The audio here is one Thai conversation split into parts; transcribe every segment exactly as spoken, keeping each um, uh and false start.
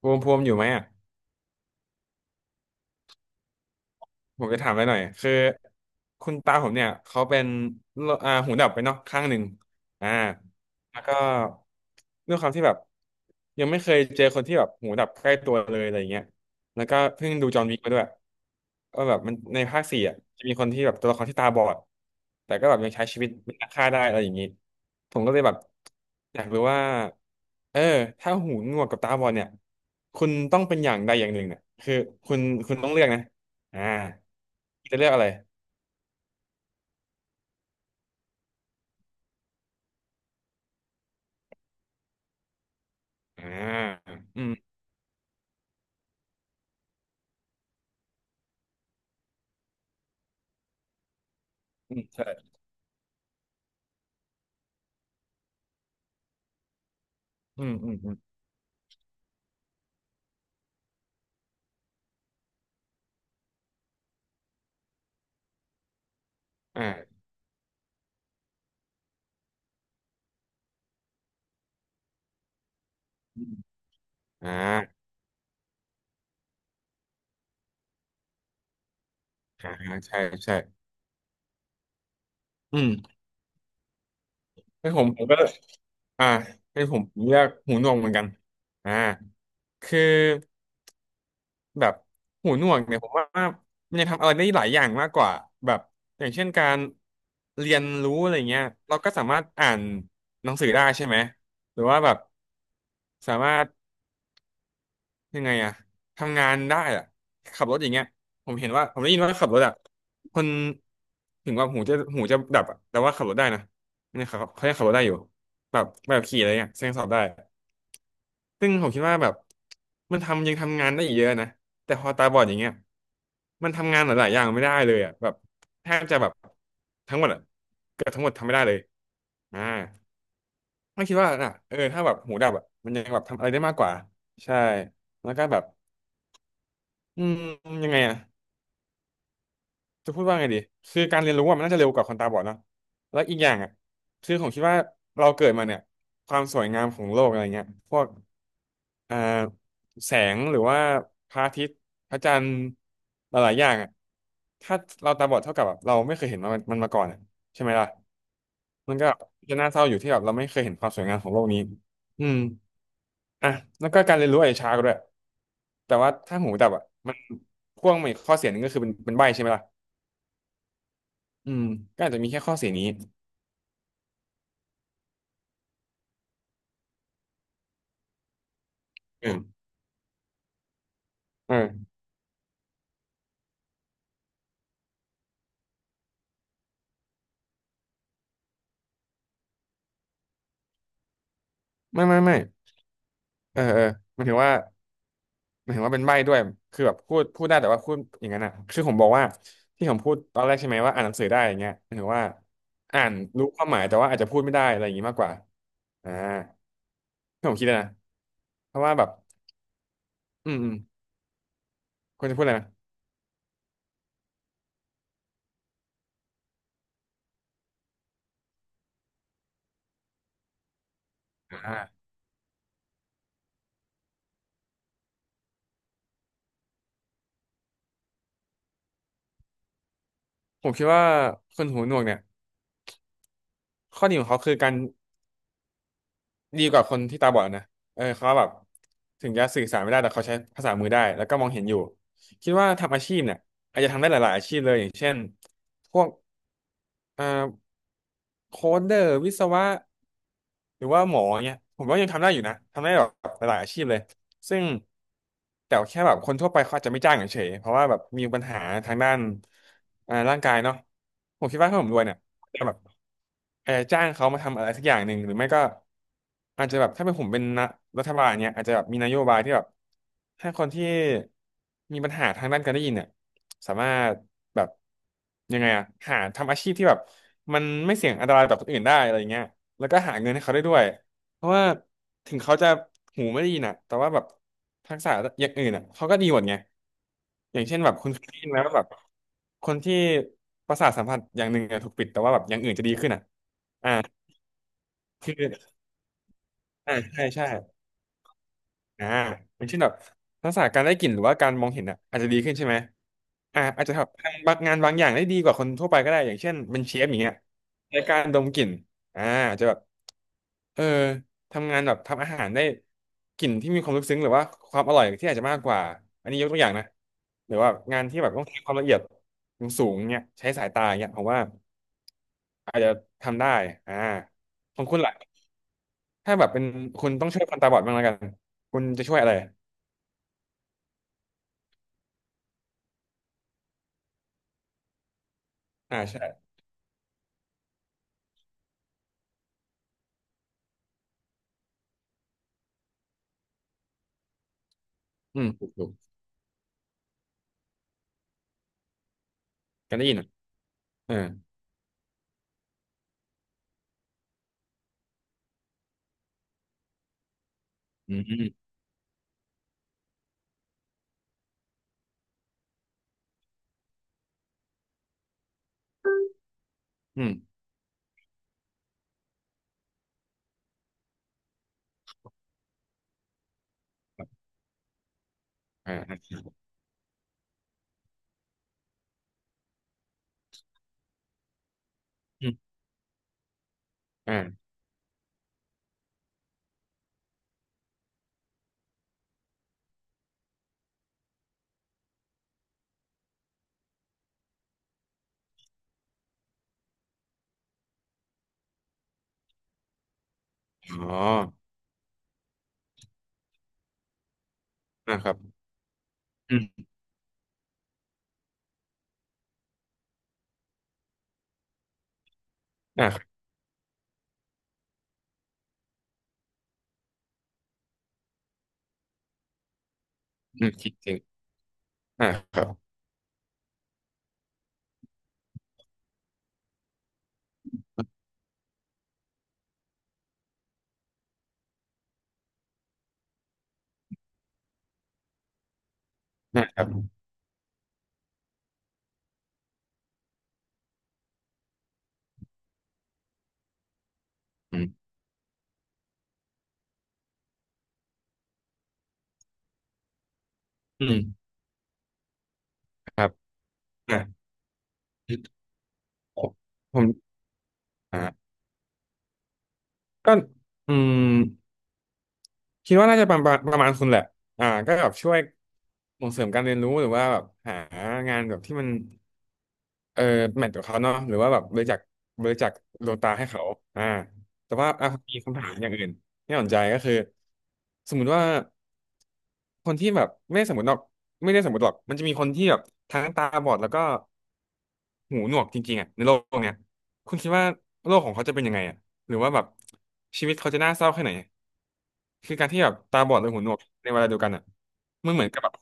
ภูมิภูมิอยู่ไหมอ่ะ ผมจะถามไปหน่อยคือคุณตาผมเนี่ยเขาเป็นโรอ่าหูดับไปเนาะข้างหนึ่งอ่าแล้วก็ด้วยความที่แบบยังไม่เคยเจอคนที่แบบหูดับใกล้ตัวเลยอะไรอย่างเงี้ยแล้วก็เพิ่งดูจอห์นวิกมาด้วยก็แบบมันในภาคสี่อ่ะจะมีคนที่แบบตัวละครที่ตาบอดแต่ก็แบบยังใช้ชีวิตเป็นนักฆ่าได้อะไรอย่างงี้ผมก็เลยแบบอยากรู้ว่าเออถ้าหูหนวกกับตาบอดเนี่ยคุณต้องเป็นอย่างใดอย่างหนึ่งเนี่ยคือคุณคุณต้องเลือกนะ อ่าจะเลือกอะไรอ่าอืมอืมใช่อืมอืมอืมอ่าอืมอ่าอ่าใช่ใช่อืมให้ผมผมก็อ่าให้ผมเลือกหูหนวกเหมือนกันอ่าคือแบบหูหนวกเนี่ยผมว่ามันยังทำอะไรได้หลายอย่างมากกว่าแบบอย่างเช่นการเรียนรู้อะไรเงี้ยเราก็สามารถอ่านหนังสือได้ใช่ไหมหรือว่าแบบสามารถ ยังไงอะทำงานได้อะขับรถอย่างเงี้ยผมเห็นว่าผมได้ยินว่าขับรถอะคนถึงว่าหูจะหูจะดับอะแต่ว่าขับรถได้นะเนี่ยเขาเขายังขับรถได้อยู่แบบแบบขี่อะไรเงี้ยยังสอบได้ซึ่งผมคิดว่าแบบมันทำยังทำงานได้อีกเยอะนะแต่พอตาบอดอย่างเงี้ยมันทำงานหลายๆอย่างไม่ได้เลยอะแบบแทบจะแบบทั้งหมดอะเกือบทั้งหมดทำไม่ได้เลยอ่าไม่คิดว่าน่ะเออถ้าแบบหูดับอะมันยังแบบทำอะไรได้มากกว่าใช่แล้วก็แบบ อืมยังไงอ่ะจะพูดว่าไงดีคือการเรียนรู้อะมันน่าจะเร็วกว่าคนตาบอดเนาะแล้วอีกอย่างอ่ะคือผมคิดว่าเราเกิดมาเนี่ยความสวยงามของโลกอะไรเงี้ยพวกอ่าแสงหรือว่าพระอาทิตย์พระจันทร์หลายๆอย่างอ่ะถ้าเราตาบอดเท่ากับแบบเราไม่เคยเห็นมันมันมาก่อนอะใช่ไหมล่ะมันก็จะน่าเศร้าอยู่ที่แบบเราไม่เคยเห็นความสวยงามของโลกนี้อืม อ่ะแล้วก็การเรียนรู้อาจจะช้ากว่าด้วยแต่ว่าถ้าหูดับอ่ะมันพ่วงมาอีกข้อเสียหนึงก็คือเป็นเป็นใบ้ใช่ไหมล่ะอืมก็อาจจะมีแค่ข้อเสียนี้เออเออไม่ไม่ไม่เออเออหมันถือว่าหมันถือว่าเป็นใบ้ด้วยคือแบบพูดพูดได้แต่ว่าพูดอย่างนั้นอ่ะคือผมบอกว่าที่ผมพูดตอนแรกใช่ไหมว่าอ่านหนังสือได้อย่างเงี้ยหมันถือว่าอ่านรู้ความหมายแต่ว่าอาจจะพูดไม่ได้อะไรอย่างงี้มากกว่าอ่าที่ผมคิดนะเพราะว่าแบบอืมอืมควรจะพูดอะไรนะอ่าผมคิดว่าคนหูหนวกเนี่ยข้อดีของเขาคือการ ดีกว่าคนที่ตาบอดนะเออเขาแบบถึงจะสื่อสารไม่ได้แต่เขาใช้ภาษามือได้แล้วก็มองเห็นอยู่คิดว่าทำอาชีพเนี่ยอาจจะทำได้หลายๆอาชีพเลยอย่างเช่นพวกเอ่อโค้ดเดอร์วิศวะหรือว่าหมอเนี่ยผมว่ายังทำได้อยู่นะทำได้แบบหลายๆอาชีพเลยซึ่งแต่แค่แบบคนทั่วไปเขาอาจจะไม่จ้างเฉยๆเพราะว่าแบบมีปัญหาทางด้านอ่าร่างกายเนาะผมคิดว่าถ้าผมรวยเนี่ย จะแบบเออจ้างเขามาทำอะไรสักอย่างหนึ่ง หรือไม่ก็อาจจะแบบถ้าเป็นผมเป็นนะรัฐบาลเนี่ยอาจจะแบบมีนโยบายที่แบบให้คนที่มีปัญหาทางด้านการได้ยินเนี่ยสามารถแบบยังไงอะหาทำอาชีพที่แบบมันไม่เสี่ยงอันตรายต่อคนอื่นได้อะไรเงี้ยแล้วก็หาเงินให้เขาได้ด้วย เพราะว่าถึงเขาจะหูไม่ไดีนอ่ะแต่ว่าแบบทักษะอย่างอื่นอ่ะเขาก็ดีหมดไง อย่างเช่นแบบคุณเคยได้ยินไหมว่าแบบคนที่ประสาทสัมผัสอย่างหนึ่งอะถูกปิดแต่ว่าแบบอย่างอื่นจะดีขึ้นอ่ะอ่าคืออ่าใช่ใช่ อ่าอย่างเช่นแบบทักษะการได้กลิ่นหรือว่าการมองเห็นอ่ะอาจจะดีขึ้นใช่ไหมอ่าอาจจะแบบทำบางงานบางอย่างได้ดีกว่าคนทั่วไปก็ได้อย่างเช่นเป็นเชฟอย่างเงี้ยในการดมกลิ่นอ่าอาจจะแบบเออทำงานแบบทำอาหารได้กลิ่นที่มีความลึกซึ้งหรือว่าความอร่อยที่อาจจะมากกว่าอันนี้ยกตัวอย่างนะหรือว่างานที่แบบต้องใช้ความละเอียดสูงๆเนี่ยใช้สายตาเนี่ยผมว่าอาจจะทำได้อ่าของคุณล่ะถ้าแบบเป็นคุณต้องช่วยคนตาบอดบ้างแล้วกันคุณจะช่วยอะไรอ่าใช่ อืมถูกถูกกันได้ยินอ่ะเอออืมอืมอืมอ่าอืมอ่าอ๋ออ่าครับอืมอ่าครับอืมคิดจริงอ่าครับอ่าครับอืมอืมครับอ่าผมอ่าก็อืมคิดว่าน่าจะประมาณประมาณคุณแหละอ่าก็แบบช่วยส่งเสริมการเรียนรู้หรือว่าแบบหางานแบบที่มัน เออแมทกับเขาเนาะหรือว่าแบบบริจาคบริจาคดวงตาให้เขาอ่าแต่ว่าอ่ะมีคำถามอย่างอื่นที่น่าสนใจก็คือสมมุติว่าคนที่แบบไม่ได้สมมติหรอกไม่ได้สมมติหรอกมันจะมีคนที่แบบทั้งตาบอดแล้วก็หูหนวกจริงๆอ่ะในโลกเนี้ยคุณคิดว่าโลกของเขาจะเป็นยังไงอ่ะหรือว่าแบบชีวิตเขาจะน่าเศร้าแค่ไหนคือการที่แบบตาบอดหรือหูหนวกในเวลาเดียวกันอ่ะมันเหมือนกับแบบ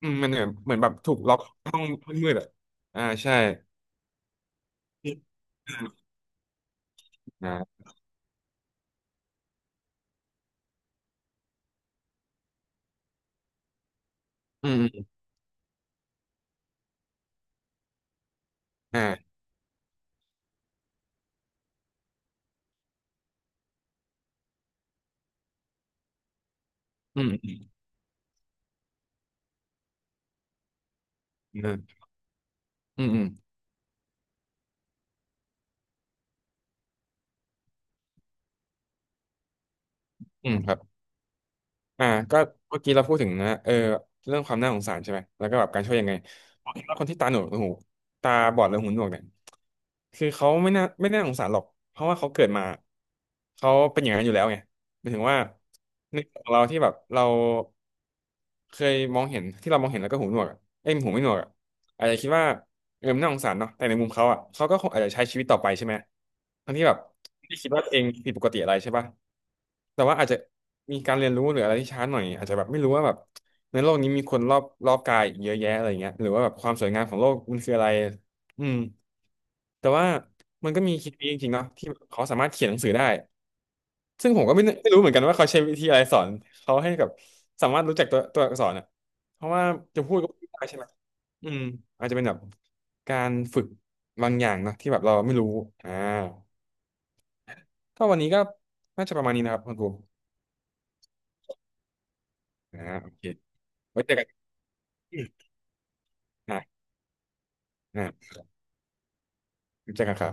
อืมมันเหมือนเหมือนแบบถูกล็อกห้องห้องมืดอ่ะอ่าใช่อ่าอืม อ่าอืมอืมอืมอืมอืมครับ อ่าก็เมื่อกี้เราพูดถึงนะเออเรื่องความน่าสงสารใช่ไหมแล้วก็แบบการช่วยยังไงผมคิดว่าคนที่ตาหนวกหูตาบอดหรือหูหนวกเนี่ยคือเขาไม่น่าไม่น่าสงสารหรอกเพราะว่าเขาเกิดมาเขาเป็นอย่างนั้นอยู่แล้วไงหมายถึงว่าในของเราที่แบบเราเคยมองเห็นที่เรามองเห็นแล้วก็หูหนวกอะเอ้ยหูไม่หนวกอะอาจจะคิดว่าเออมันน่าสงสารเนาะแต่ในมุมเขาอ่ะเขาก็คงอาจจะใช้ชีวิตต่อไปใช่ไหมทั้งที่แบบไม่ได้คิดว่าตัวเองผิดปกติอะไรใช่ปะ แต่ว่าอาจจะมีการเรียนรู้หรืออะไรที่ช้าหน่อยอาจจะแบบไม่รู้ว่าแบบในโลกนี้มีคนรอบรอบกายอีกเยอะแยะอะไรเงี้ยหรือว่าแบบความสวยงามของโลกมันคืออะไรอืมแต่ว่ามันก็มีเคสนี้จริงๆเนาะที่เขาสามารถเขียนหนังสือได้ซึ่งผมก็ไม่ไม่รู้เหมือนกันว่าเขาใช้วิธีอะไรสอนเขาให้กับสามารถรู้จักตัวตัวอักษรอ่ะเพราะว่าจะพูดก็พูดได้ใช่ไหมอืมอาจจะเป็นแบบการฝึกบางอย่างเนอะที่แบบเราไม่รู้อ่าก็วันนี้ก็น่าจะประมาณนี้นะครับคุณครูอ่าโอเคไว้เจอกัน อ่ะอ่ะรู้จักกับเขา